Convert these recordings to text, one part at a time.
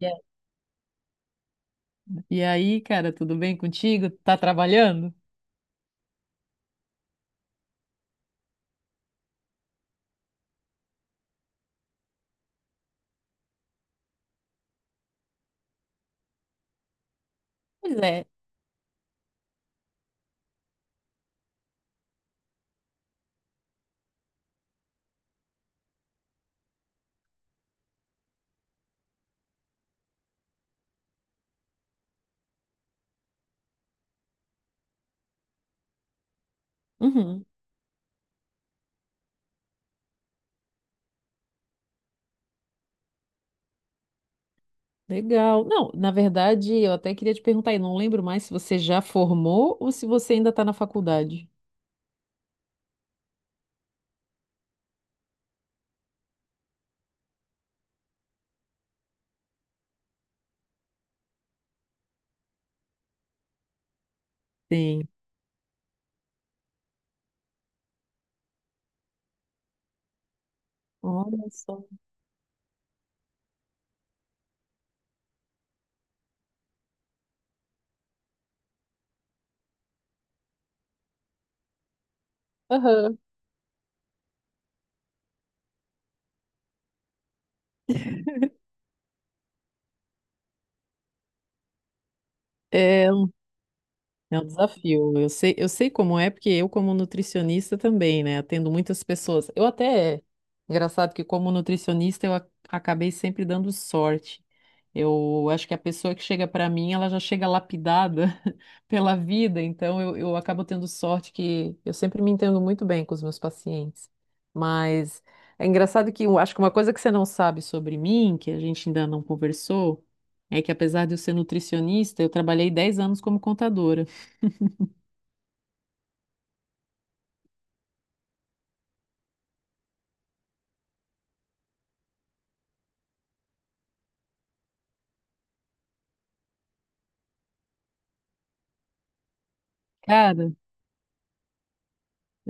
E a- e aí, cara, tudo bem contigo? Tá trabalhando? Pois é. Uhum. Legal. Não, na verdade, eu até queria te perguntar, e não lembro mais se você já formou ou se você ainda está na faculdade. Sim. Olha só. Aham. É, É um desafio. Eu sei como é, porque eu, como nutricionista, também, né? Atendo muitas pessoas. Eu até. Engraçado que, como nutricionista, eu acabei sempre dando sorte. Eu acho que a pessoa que chega para mim, ela já chega lapidada pela vida, então eu acabo tendo sorte que eu sempre me entendo muito bem com os meus pacientes. Mas é engraçado que eu acho que uma coisa que você não sabe sobre mim, que a gente ainda não conversou, é que apesar de eu ser nutricionista, eu trabalhei 10 anos como contadora. Cara,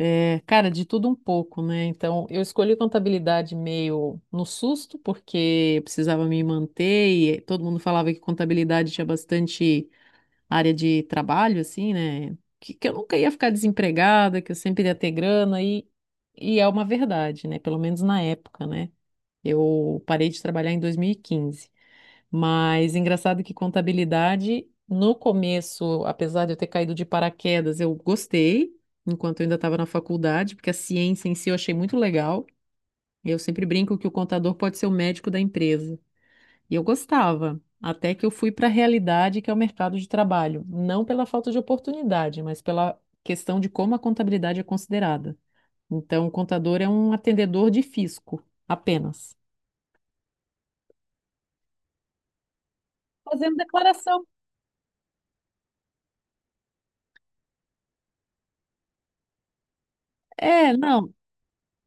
cara, de tudo um pouco, né? Então, eu escolhi contabilidade meio no susto, porque eu precisava me manter e todo mundo falava que contabilidade tinha bastante área de trabalho, assim, né? Que eu nunca ia ficar desempregada, que eu sempre ia ter grana, e é uma verdade, né? Pelo menos na época, né? Eu parei de trabalhar em 2015. Mas engraçado que contabilidade, no começo, apesar de eu ter caído de paraquedas, eu gostei, enquanto eu ainda estava na faculdade, porque a ciência em si eu achei muito legal. Eu sempre brinco que o contador pode ser o médico da empresa. E eu gostava, até que eu fui para a realidade, que é o mercado de trabalho. Não pela falta de oportunidade, mas pela questão de como a contabilidade é considerada. Então, o contador é um atendedor de fisco, apenas. Fazendo declaração. É, não,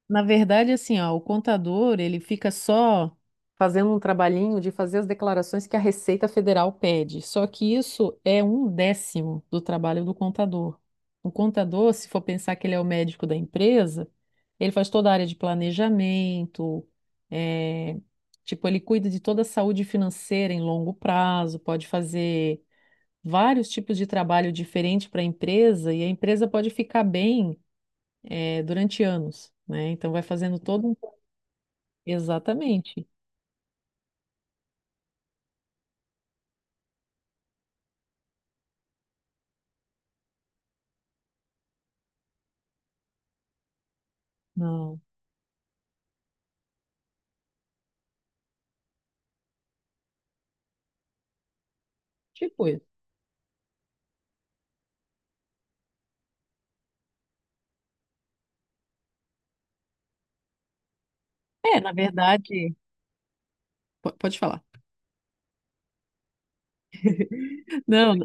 na verdade, assim, ó, o contador, ele fica só fazendo um trabalhinho de fazer as declarações que a Receita Federal pede. Só que isso é um décimo do trabalho do contador. O contador, se for pensar que ele é o médico da empresa, ele faz toda a área de planejamento, eh, tipo, ele cuida de toda a saúde financeira em longo prazo, pode fazer vários tipos de trabalho diferente para a empresa e a empresa pode ficar bem, durante anos, né? Então vai fazendo todo. Exatamente. Não. Tipo isso. É, na verdade. Pode falar. Não,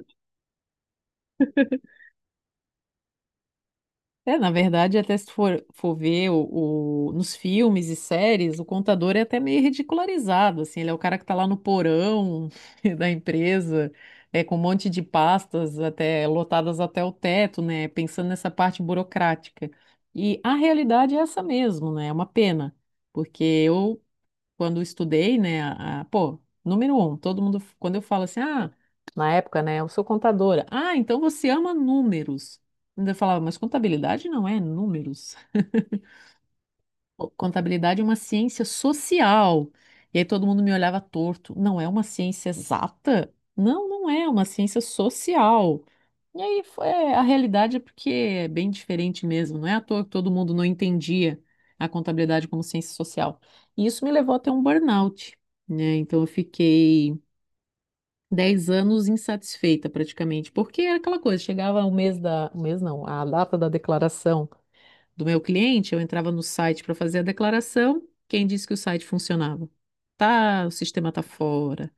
é, na verdade, até se for ver o, nos filmes e séries, o contador é até meio ridicularizado, assim, ele é o cara que tá lá no porão da empresa, com um monte de pastas até lotadas até o teto, né, pensando nessa parte burocrática. E a realidade é essa mesmo, né, é uma pena, porque eu quando eu estudei, né, pô, número um, todo mundo, quando eu falo assim, ah, na época, né, eu sou contadora. Ah, então você ama números. Ainda eu falava, mas contabilidade não é números. Contabilidade é uma ciência social. E aí todo mundo me olhava torto. Não é uma ciência exata? Não, não é. Uma ciência social. E aí foi, a realidade é porque é bem diferente mesmo. Não é à toa que todo mundo não entendia a contabilidade como ciência social. E isso me levou a ter um burnout, né? Então eu fiquei 10 anos insatisfeita praticamente, porque era aquela coisa, chegava o mês da, o mês não, a data da declaração do meu cliente, eu entrava no site para fazer a declaração, quem disse que o site funcionava? Tá, o sistema tá fora.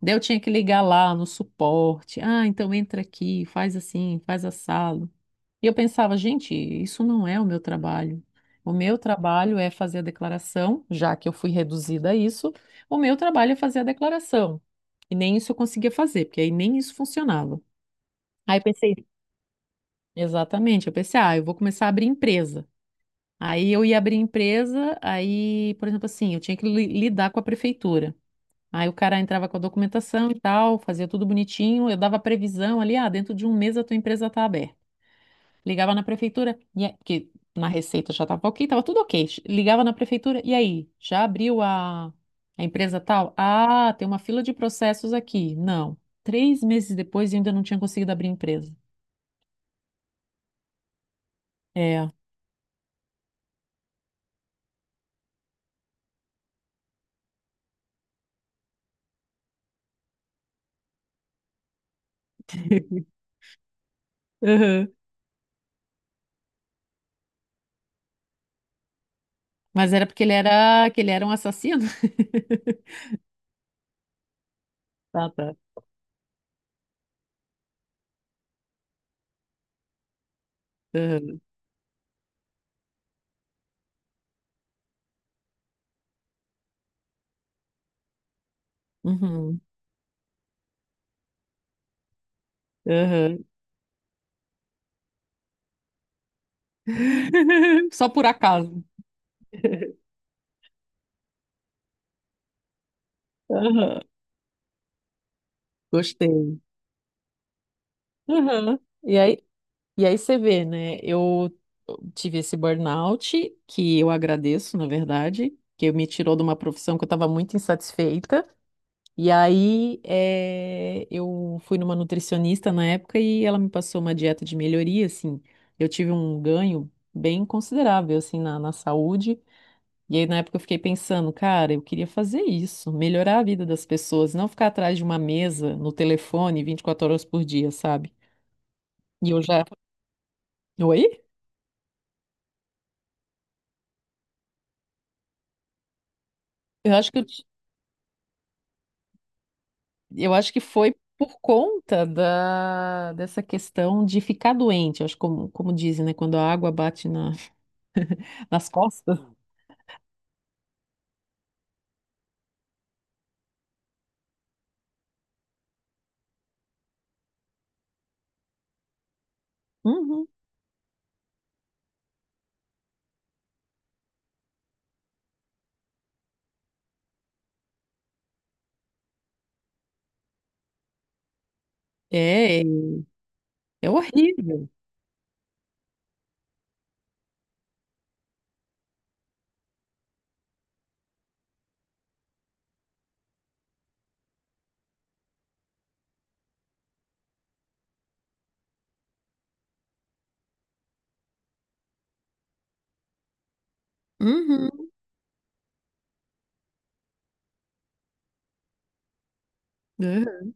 Daí eu tinha que ligar lá no suporte. Ah, então entra aqui, faz assim, faz assado. E eu pensava, gente, isso não é o meu trabalho. O meu trabalho é fazer a declaração, já que eu fui reduzida a isso, o meu trabalho é fazer a declaração. E nem isso eu conseguia fazer, porque aí nem isso funcionava. Aí eu pensei, exatamente, eu pensei, ah, eu vou começar a abrir empresa. Aí eu ia abrir empresa, aí, por exemplo, assim, eu tinha que lidar com a prefeitura. Aí o cara entrava com a documentação e tal, fazia tudo bonitinho, eu dava previsão ali, ah, dentro de um mês a tua empresa está aberta. Ligava na prefeitura, porque na receita já estava ok, estava tudo ok. Ligava na prefeitura, e aí? Já abriu a empresa tal? Ah, tem uma fila de processos aqui. Não. 3 meses depois e ainda não tinha conseguido abrir a empresa. É. Uhum. Mas era porque ele era, que ele era um assassino? Tá, tá. Uhum. Uhum. Uhum. Só por acaso. Aham, gostei. Aham. E aí, E aí, você vê, né? Eu tive esse burnout, que eu agradeço, na verdade, que me tirou de uma profissão que eu estava muito insatisfeita. E aí, eu fui numa nutricionista na época e ela me passou uma dieta de melhoria, assim. Eu tive um ganho bem considerável, assim, na saúde. E aí na época eu fiquei pensando, cara, eu queria fazer isso, melhorar a vida das pessoas, não ficar atrás de uma mesa, no telefone, 24 horas por dia, sabe? E eu já... Oi? Eu acho que eu Eu acho que foi por conta dessa questão de ficar doente, eu acho como dizem, né? Quando a água bate nas costas. Uhum. É, é horrível. Uhum. É.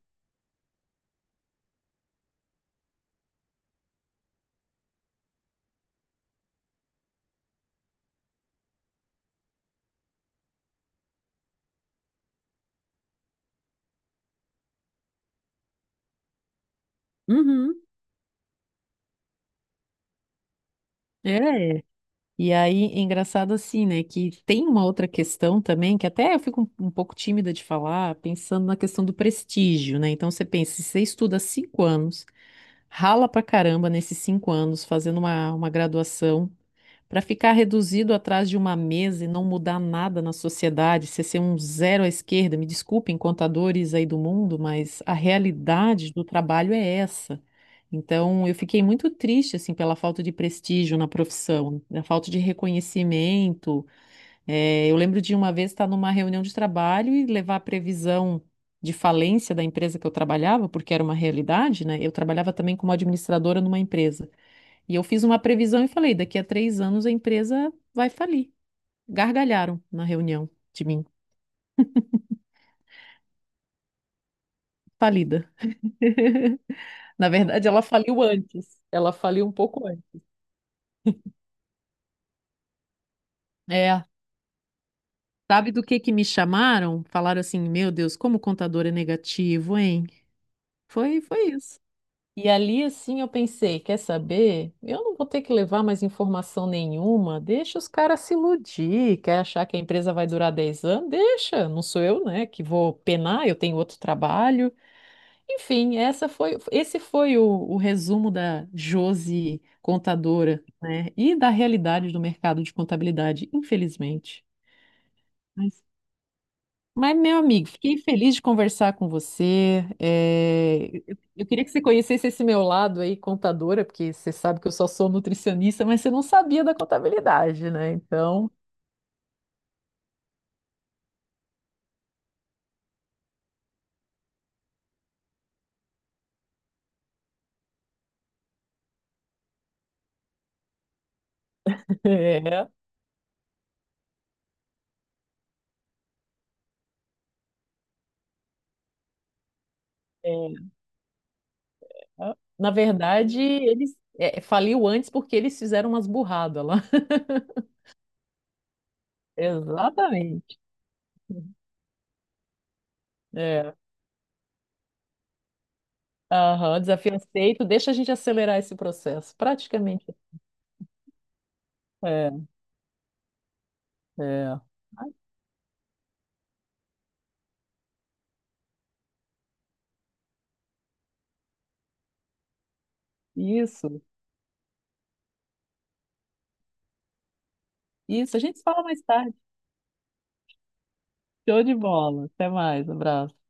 Uhum. É. é. E aí, é engraçado assim, né? Que tem uma outra questão também, que até eu fico um pouco tímida de falar, pensando na questão do prestígio, né? Então você pensa, se você estuda 5 anos, rala pra caramba nesses 5 anos, fazendo uma graduação. Para ficar reduzido atrás de uma mesa e não mudar nada na sociedade, ser um zero à esquerda, me desculpem, contadores aí do mundo, mas a realidade do trabalho é essa. Então, eu fiquei muito triste assim pela falta de prestígio na profissão, a falta de reconhecimento. Eu lembro de uma vez estar numa reunião de trabalho e levar a previsão de falência da empresa que eu trabalhava, porque era uma realidade, né? Eu trabalhava também como administradora numa empresa. E eu fiz uma previsão e falei: daqui a 3 anos a empresa vai falir. Gargalharam na reunião de mim, falida. Na verdade, ela faliu antes. Ela faliu um pouco antes. É. Sabe do que me chamaram? Falaram assim: Meu Deus, como o contador é negativo, hein? Foi isso. E ali, assim, eu pensei: Quer saber? Eu não vou ter que levar mais informação nenhuma. Deixa os caras se iludir. Quer achar que a empresa vai durar 10 anos? Deixa. Não sou eu, né, que vou penar. Eu tenho outro trabalho. Enfim, essa foi, esse foi o resumo da Josi contadora, né? E da realidade do mercado de contabilidade, infelizmente. Mas, meu amigo, fiquei feliz de conversar com você. Eu queria que você conhecesse esse meu lado aí, contadora, porque você sabe que eu só sou nutricionista, mas você não sabia da contabilidade, né? Então, é, é. Na verdade, eles faliu antes porque eles fizeram umas burradas lá. Exatamente. É. Aham, desafio aceito. Deixa a gente acelerar esse processo. Praticamente. É, é. Isso, isso. A gente fala mais tarde. Show de bola. Até mais. Abraço.